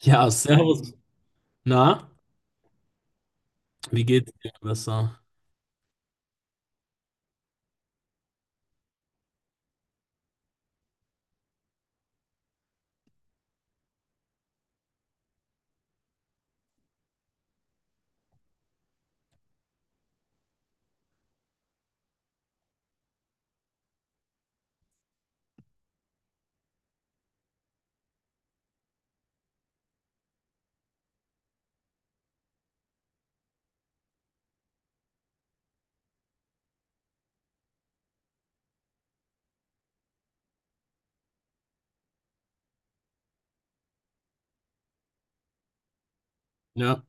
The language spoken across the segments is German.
Ja, servus. Na, wie geht's dir besser? Ja,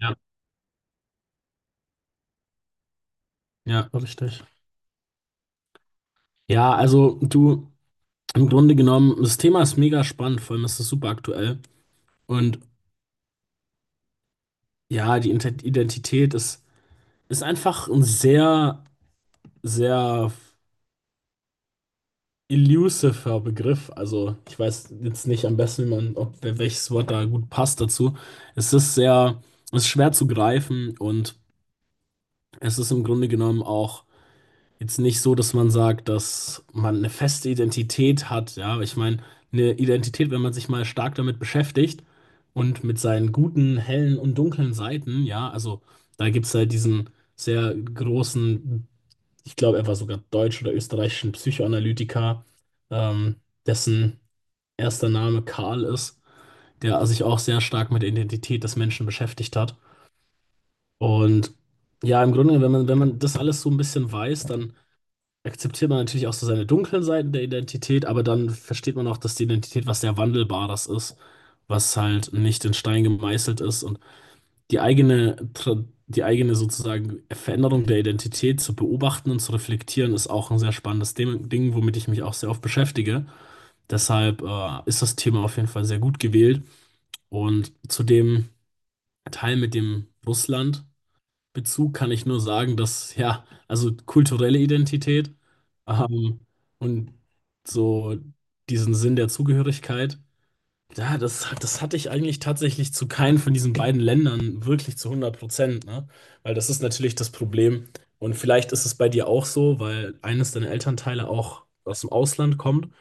ja, ja, richtig. Ja, also du, im Grunde genommen, das Thema ist mega spannend, vor allem ist es super aktuell. Und ja, die Identität ist einfach ein sehr elusiver Begriff. Also ich weiß jetzt nicht am besten, wie man, ob welches Wort da gut passt dazu. Es ist es ist schwer zu greifen und es ist im Grunde genommen auch jetzt nicht so, dass man sagt, dass man eine feste Identität hat. Ja, aber ich meine, eine Identität, wenn man sich mal stark damit beschäftigt und mit seinen guten, hellen und dunklen Seiten, ja, also da gibt es halt diesen sehr großen, ich glaube, er war sogar deutsch oder österreichischen Psychoanalytiker, ähm, dessen erster Name Karl ist, der sich auch sehr stark mit der Identität des Menschen beschäftigt hat. Und ja, im Grunde, wenn wenn man das alles so ein bisschen weiß, dann akzeptiert man natürlich auch so seine dunklen Seiten der Identität, aber dann versteht man auch, dass die Identität was sehr Wandelbares ist, was halt nicht in Stein gemeißelt ist, und die die eigene sozusagen Veränderung der Identität zu beobachten und zu reflektieren ist auch ein sehr spannendes Ding, womit ich mich auch sehr oft beschäftige. Deshalb ist das Thema auf jeden Fall sehr gut gewählt, und zu dem Teil mit dem Russland. Bezug kann ich nur sagen, dass, ja, also kulturelle Identität ähm, und so diesen Sinn der Zugehörigkeit, ja, das hatte ich eigentlich tatsächlich zu keinem von diesen beiden Ländern wirklich zu 100%, ne? Weil das ist natürlich das Problem. Und vielleicht ist es bei dir auch so, weil eines deiner Elternteile auch aus dem Ausland kommt,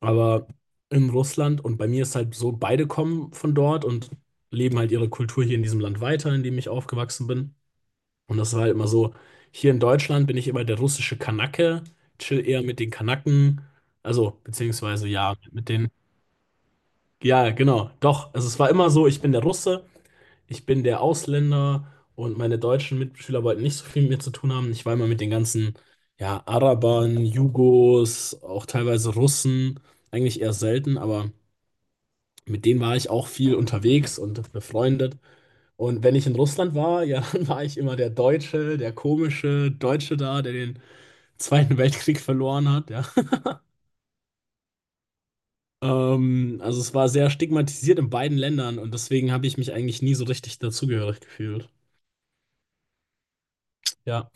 aber in Russland, und bei mir ist halt so, beide kommen von dort und leben halt ihre Kultur hier in diesem Land weiter, in dem ich aufgewachsen bin. Und das war halt immer so, hier in Deutschland bin ich immer der russische Kanake, chill eher mit den Kanaken, also beziehungsweise ja, mit den, ja, genau, doch, also es war immer so, ich bin der Russe, ich bin der Ausländer und meine deutschen Mitschüler wollten nicht so viel mit mir zu tun haben. Ich war immer mit den ganzen, ja, Arabern, Jugos, auch teilweise Russen, eigentlich eher selten, aber mit denen war ich auch viel unterwegs und befreundet. Und wenn ich in Russland war, ja, dann war ich immer der Deutsche, der komische Deutsche da, der den Zweiten Weltkrieg verloren hat, ja. Also es war sehr stigmatisiert in beiden Ländern, und deswegen habe ich mich eigentlich nie so richtig dazugehörig gefühlt. Ja,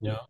ja.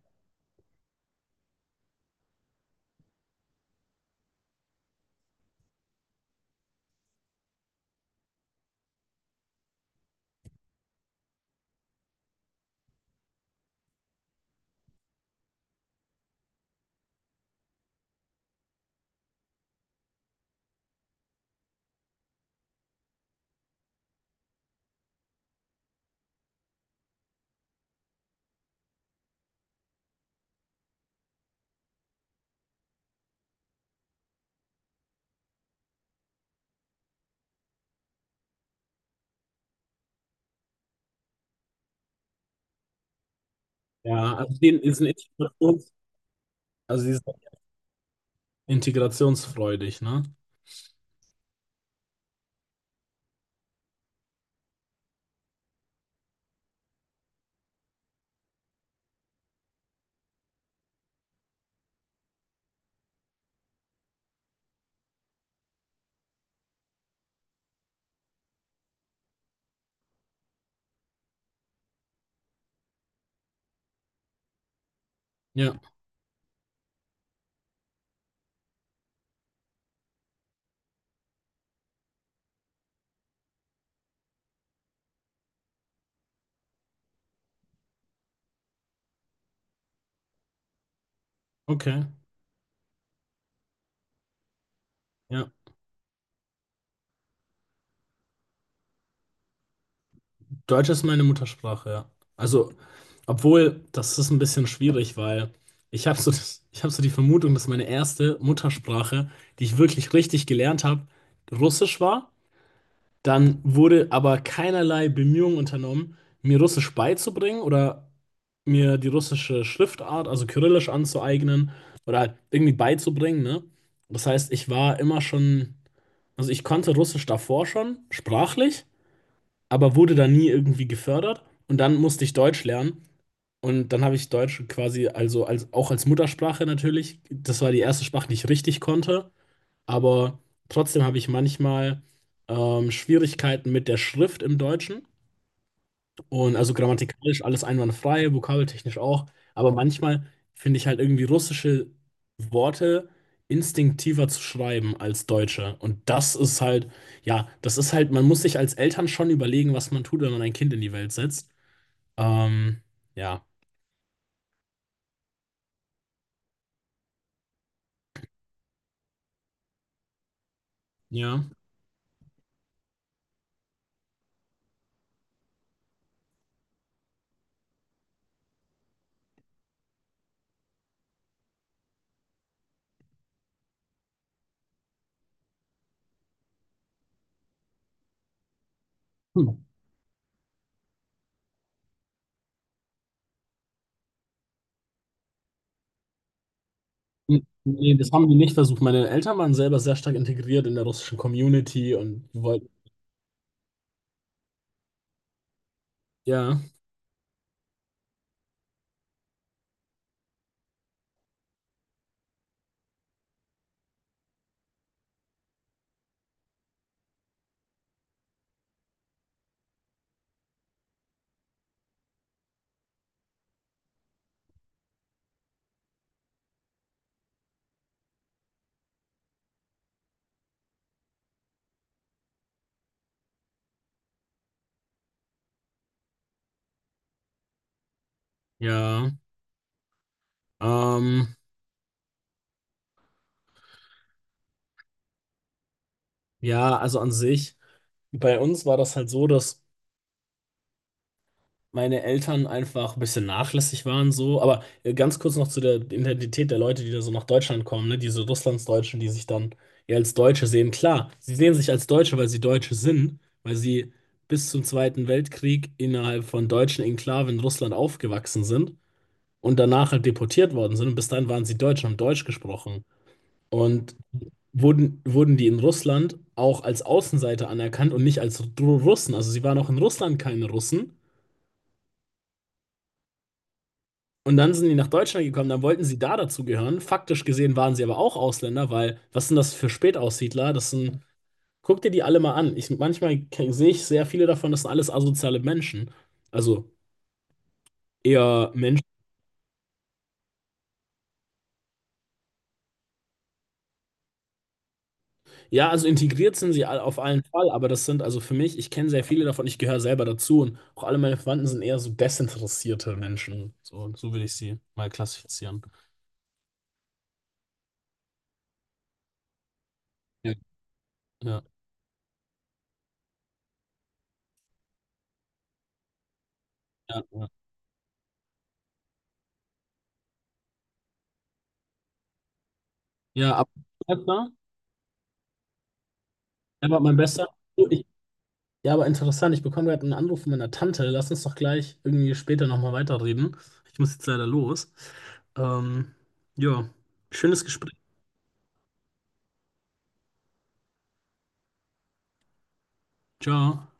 Ja, also die sind Integrations, also die sind integrationsfreudig, ne? Ja, okay. Ja. Deutsch ist meine Muttersprache, ja. Also, obwohl, das ist ein bisschen schwierig, weil ich habe so, ich hab so die Vermutung, dass meine erste Muttersprache, die ich wirklich richtig gelernt habe, Russisch war. Dann wurde aber keinerlei Bemühungen unternommen, mir Russisch beizubringen oder mir die russische Schriftart, also Kyrillisch, anzueignen oder halt irgendwie beizubringen, ne? Das heißt, ich war immer schon, also ich konnte Russisch davor schon, sprachlich, aber wurde da nie irgendwie gefördert. Und dann musste ich Deutsch lernen. Und dann habe ich Deutsch quasi, also als, auch als Muttersprache natürlich. Das war die erste Sprache, die ich richtig konnte. Aber trotzdem habe ich manchmal Schwierigkeiten mit der Schrift im Deutschen. Und also grammatikalisch alles einwandfrei, vokabeltechnisch auch. Aber manchmal finde ich halt irgendwie russische Worte instinktiver zu schreiben als deutsche. Und das ist halt, ja, das ist halt, man muss sich als Eltern schon überlegen, was man tut, wenn man ein Kind in die Welt setzt. Ähm, ja. Ja. Hm. Nee, das haben die nicht versucht. Meine Eltern waren selber sehr stark integriert in der russischen Community, und wir wollten, ja, ja, ähm, ja, also an sich. Bei uns war das halt so, dass meine Eltern einfach ein bisschen nachlässig waren so. Aber ganz kurz noch zu der Identität der Leute, die da so nach Deutschland kommen, ne? Diese Russlandsdeutschen, die sich dann eher als Deutsche sehen. Klar, sie sehen sich als Deutsche, weil sie Deutsche sind, weil sie bis zum Zweiten Weltkrieg innerhalb von deutschen Enklaven in Russland aufgewachsen sind und danach halt deportiert worden sind. Und bis dahin waren sie Deutsch und haben Deutsch gesprochen. Und wurden die in Russland auch als Außenseiter anerkannt und nicht als Russen. Also sie waren auch in Russland keine Russen. Und dann sind die nach Deutschland gekommen, dann wollten sie da dazugehören. Faktisch gesehen waren sie aber auch Ausländer, weil was sind das für Spätaussiedler? Das sind, guck dir die alle mal an. Ich, manchmal sehe ich sehr viele davon, das sind alles asoziale Menschen. Also eher Menschen. Ja, also integriert sind sie auf allen Fall, aber das sind, also für mich, ich kenne sehr viele davon, ich gehöre selber dazu, und auch alle meine Verwandten sind eher so desinteressierte Menschen. So, so würde ich sie mal klassifizieren. Ja, ja, ja. Ja, aber mein Bester, er war mein Bester. Ja, aber interessant, ich bekomme gerade einen Anruf von meiner Tante. Lass uns doch gleich irgendwie später nochmal weiterreden. Ich muss jetzt leider los. Ähm, ja, schönes Gespräch. Ciao.